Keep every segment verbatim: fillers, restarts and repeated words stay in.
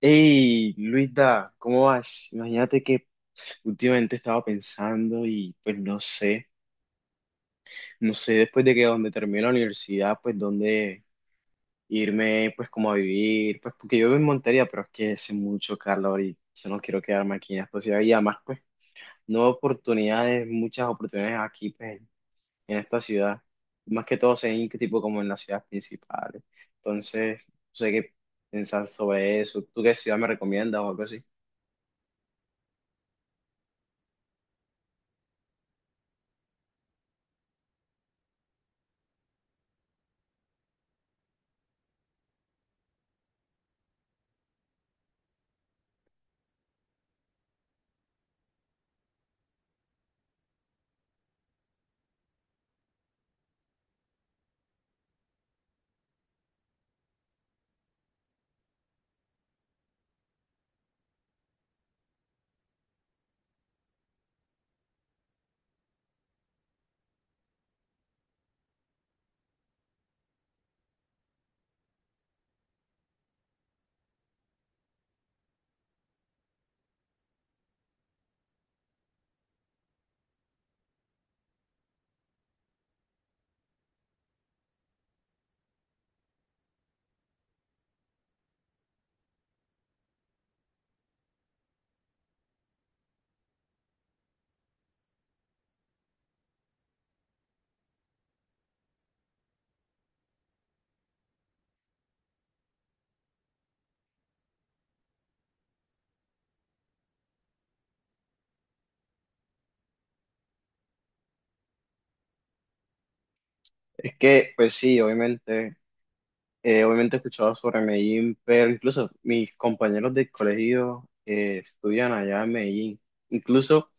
Hey, Luisa, ¿cómo vas? Imagínate que últimamente estaba pensando y pues no sé, no sé Después de que donde termine la universidad, pues dónde irme, pues como a vivir, pues porque yo vivo en Montería, pero es que hace mucho calor y yo no quiero quedarme aquí en esta ciudad y además pues no hay oportunidades, muchas oportunidades aquí pues en, en esta ciudad, más que todo en que tipo como en las ciudades principales. Entonces, no sé qué pensar sobre eso. ¿Tú qué ciudad me recomiendas o algo así? Es que, pues sí, obviamente, eh, obviamente he escuchado sobre Medellín, pero incluso mis compañeros de colegio eh, estudian allá en Medellín. Incluso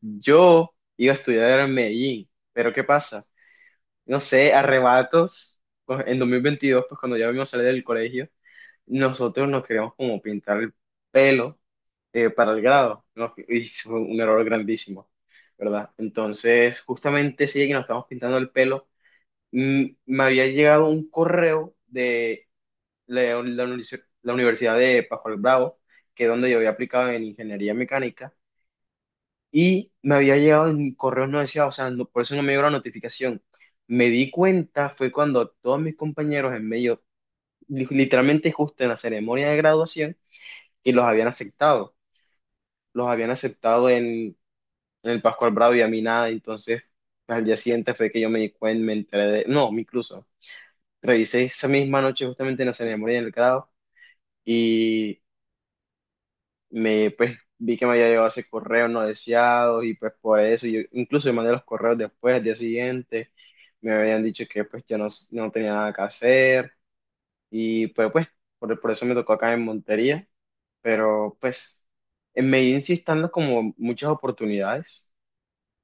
yo iba a estudiar en Medellín, pero ¿qué pasa? No sé, arrebatos, pues, en dos mil veintidós pues cuando ya vimos salir del colegio, nosotros nos queríamos como pintar el pelo eh, para el grado, ¿no? Y fue un error grandísimo, ¿verdad? Entonces, justamente sí que nos estamos pintando el pelo, mm, me había llegado un correo de la, la unice- la Universidad de Pascual Bravo, que es donde yo había aplicado en ingeniería mecánica, y me había llegado en correos no deseados, o sea, no- por eso no me llegó la notificación. Me di cuenta fue cuando todos mis compañeros en medio, li- literalmente justo en la ceremonia de graduación, que los habían aceptado, los habían aceptado en, en el Pascual Bravo y a mí nada, entonces al día siguiente fue que yo me di cuenta, me enteré de, no, incluso, revisé esa misma noche justamente en la ceremonia del grado y me, pues, vi que me había llegado ese correo no deseado y pues por eso, yo incluso mandé los correos después, al día siguiente, me habían dicho que pues yo no, no tenía nada que hacer y pues, pues, por, por eso me tocó acá en Montería, pero pues, en Medellín sí están los como muchas oportunidades,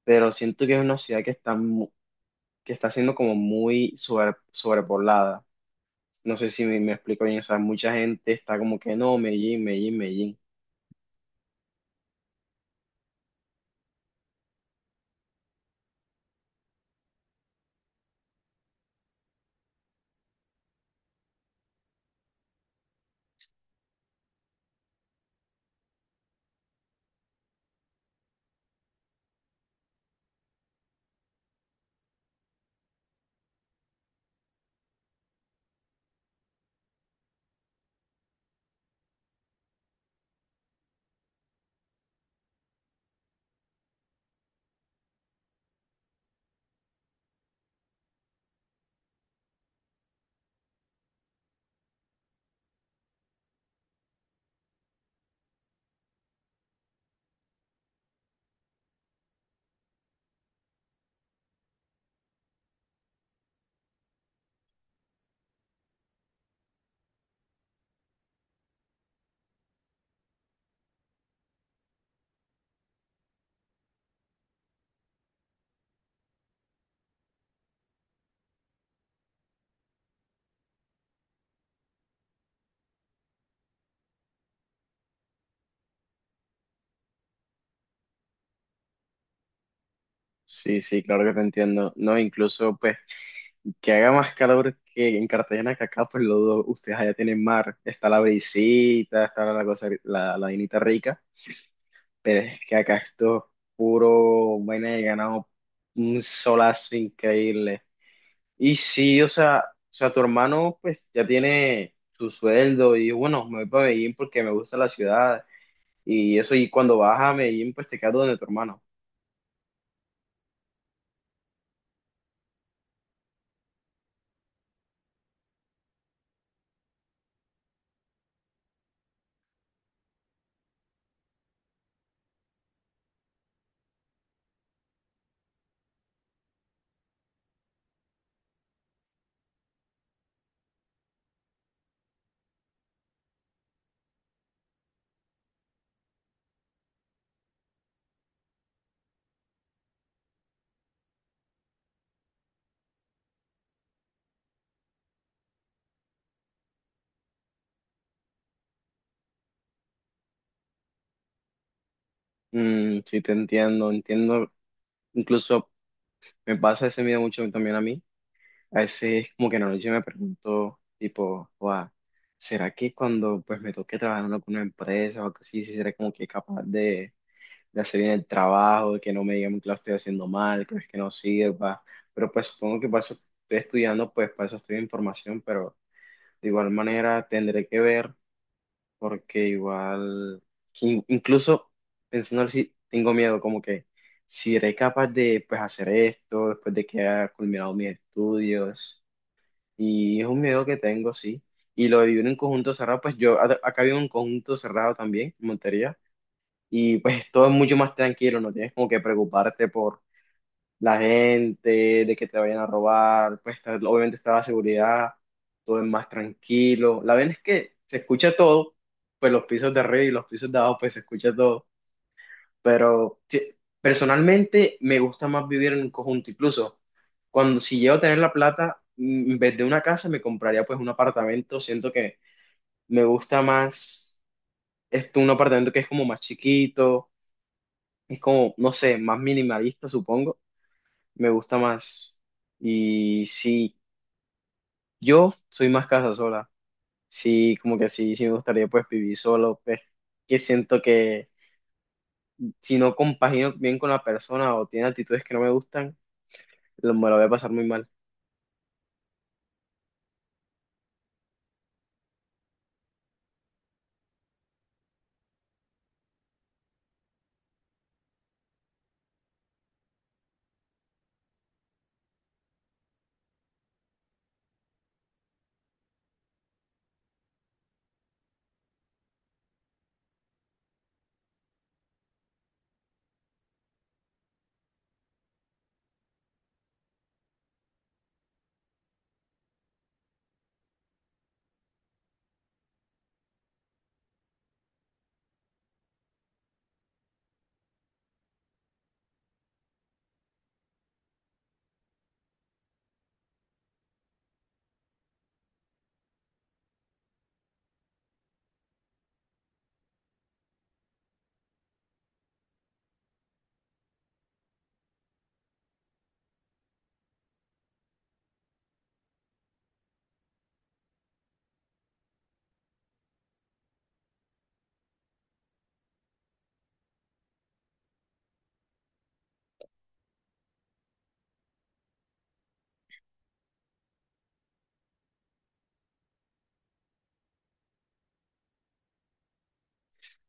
pero siento que es una ciudad que está, mu- que está siendo como muy sobre, sobrepoblada. No sé si me, me explico bien, o sea, mucha gente está como que no, Medellín, Medellín, Medellín. Sí, sí, claro que te entiendo. No, incluso pues que haga más calor que en Cartagena que acá, pues lo dudo. Ustedes allá tienen mar, está la brisita, está la cosa, la, la vainita rica, pero es que acá esto es puro vaina de ganado, un solazo increíble. Y sí, o sea, o sea, tu hermano pues ya tiene su sueldo y bueno, me voy para Medellín porque me gusta la ciudad. Y eso, y cuando vas a Medellín, pues te quedas donde tu hermano. Mm, sí, te entiendo, entiendo. Incluso me pasa ese miedo mucho también a mí. A veces como que en la noche me pregunto, tipo, "Guau, ¿será que cuando pues me toque trabajar en alguna empresa o algo así, si será como que capaz de, de hacer bien el trabajo, de que no me digan que lo estoy haciendo mal, que no es que no sirva?" Pero pues supongo que para eso estoy estudiando, pues para eso estoy en formación, pero de igual manera tendré que ver porque igual, in- incluso pensando si tengo miedo, como que si seré capaz de pues, hacer esto después de que haya culminado mis estudios. Y es un miedo que tengo, sí. Y lo de vivir en conjunto cerrado, pues yo a- acá vivo en un conjunto cerrado también, en Montería, y pues todo es mucho más tranquilo, no tienes como que preocuparte por la gente, de que te vayan a robar, pues está- obviamente está la seguridad, todo es más tranquilo. La verdad es que se escucha todo, pues los pisos de arriba y los pisos de abajo, pues se escucha todo. Pero sí, personalmente me gusta más vivir en un conjunto, incluso cuando si llego a tener la plata, mm, en vez de una casa me compraría pues un apartamento, siento que me gusta más esto, un apartamento que es como más chiquito, es como, no sé, más minimalista, supongo me gusta más. Y sí, yo soy más casa sola. Sí, como que sí, sí me gustaría pues vivir solo, pues que siento que si no compagino bien con la persona o tiene actitudes que no me gustan, lo- me lo voy a pasar muy mal.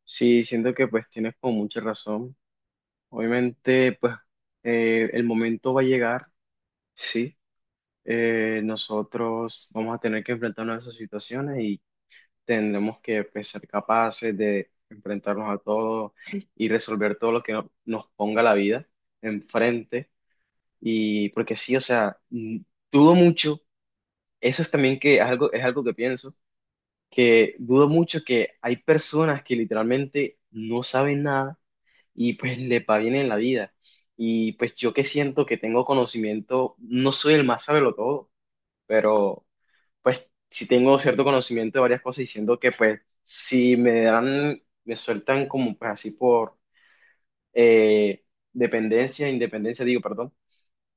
Sí, siento que pues tienes como mucha razón. Obviamente, pues eh, el momento va a llegar, sí. Eh, nosotros vamos a tener que enfrentarnos a esas situaciones, tendremos que pues, ser capaces de enfrentarnos a todo y resolver todo lo que no- nos ponga la vida enfrente. Y porque sí, o sea, mm, dudo mucho, eso es también que es algo, es algo que pienso, que dudo mucho que hay personas que literalmente no saben nada y pues le va bien en la vida. Y pues yo que siento que tengo conocimiento, no soy el más todo, pero pues sí tengo cierto conocimiento de varias cosas y siento que pues si me dan, me sueltan como pues así por eh, dependencia, independencia, digo, perdón,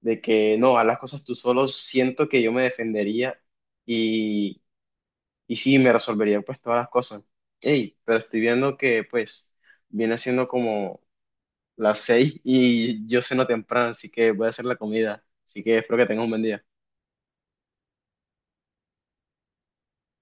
de que no, a las cosas tú solo, siento que yo me defendería y, y sí, me resolvería pues todas las cosas. Ey, pero estoy viendo que pues viene siendo como las seis y yo ceno temprano, así que voy a hacer la comida, así que espero que tengas un buen día.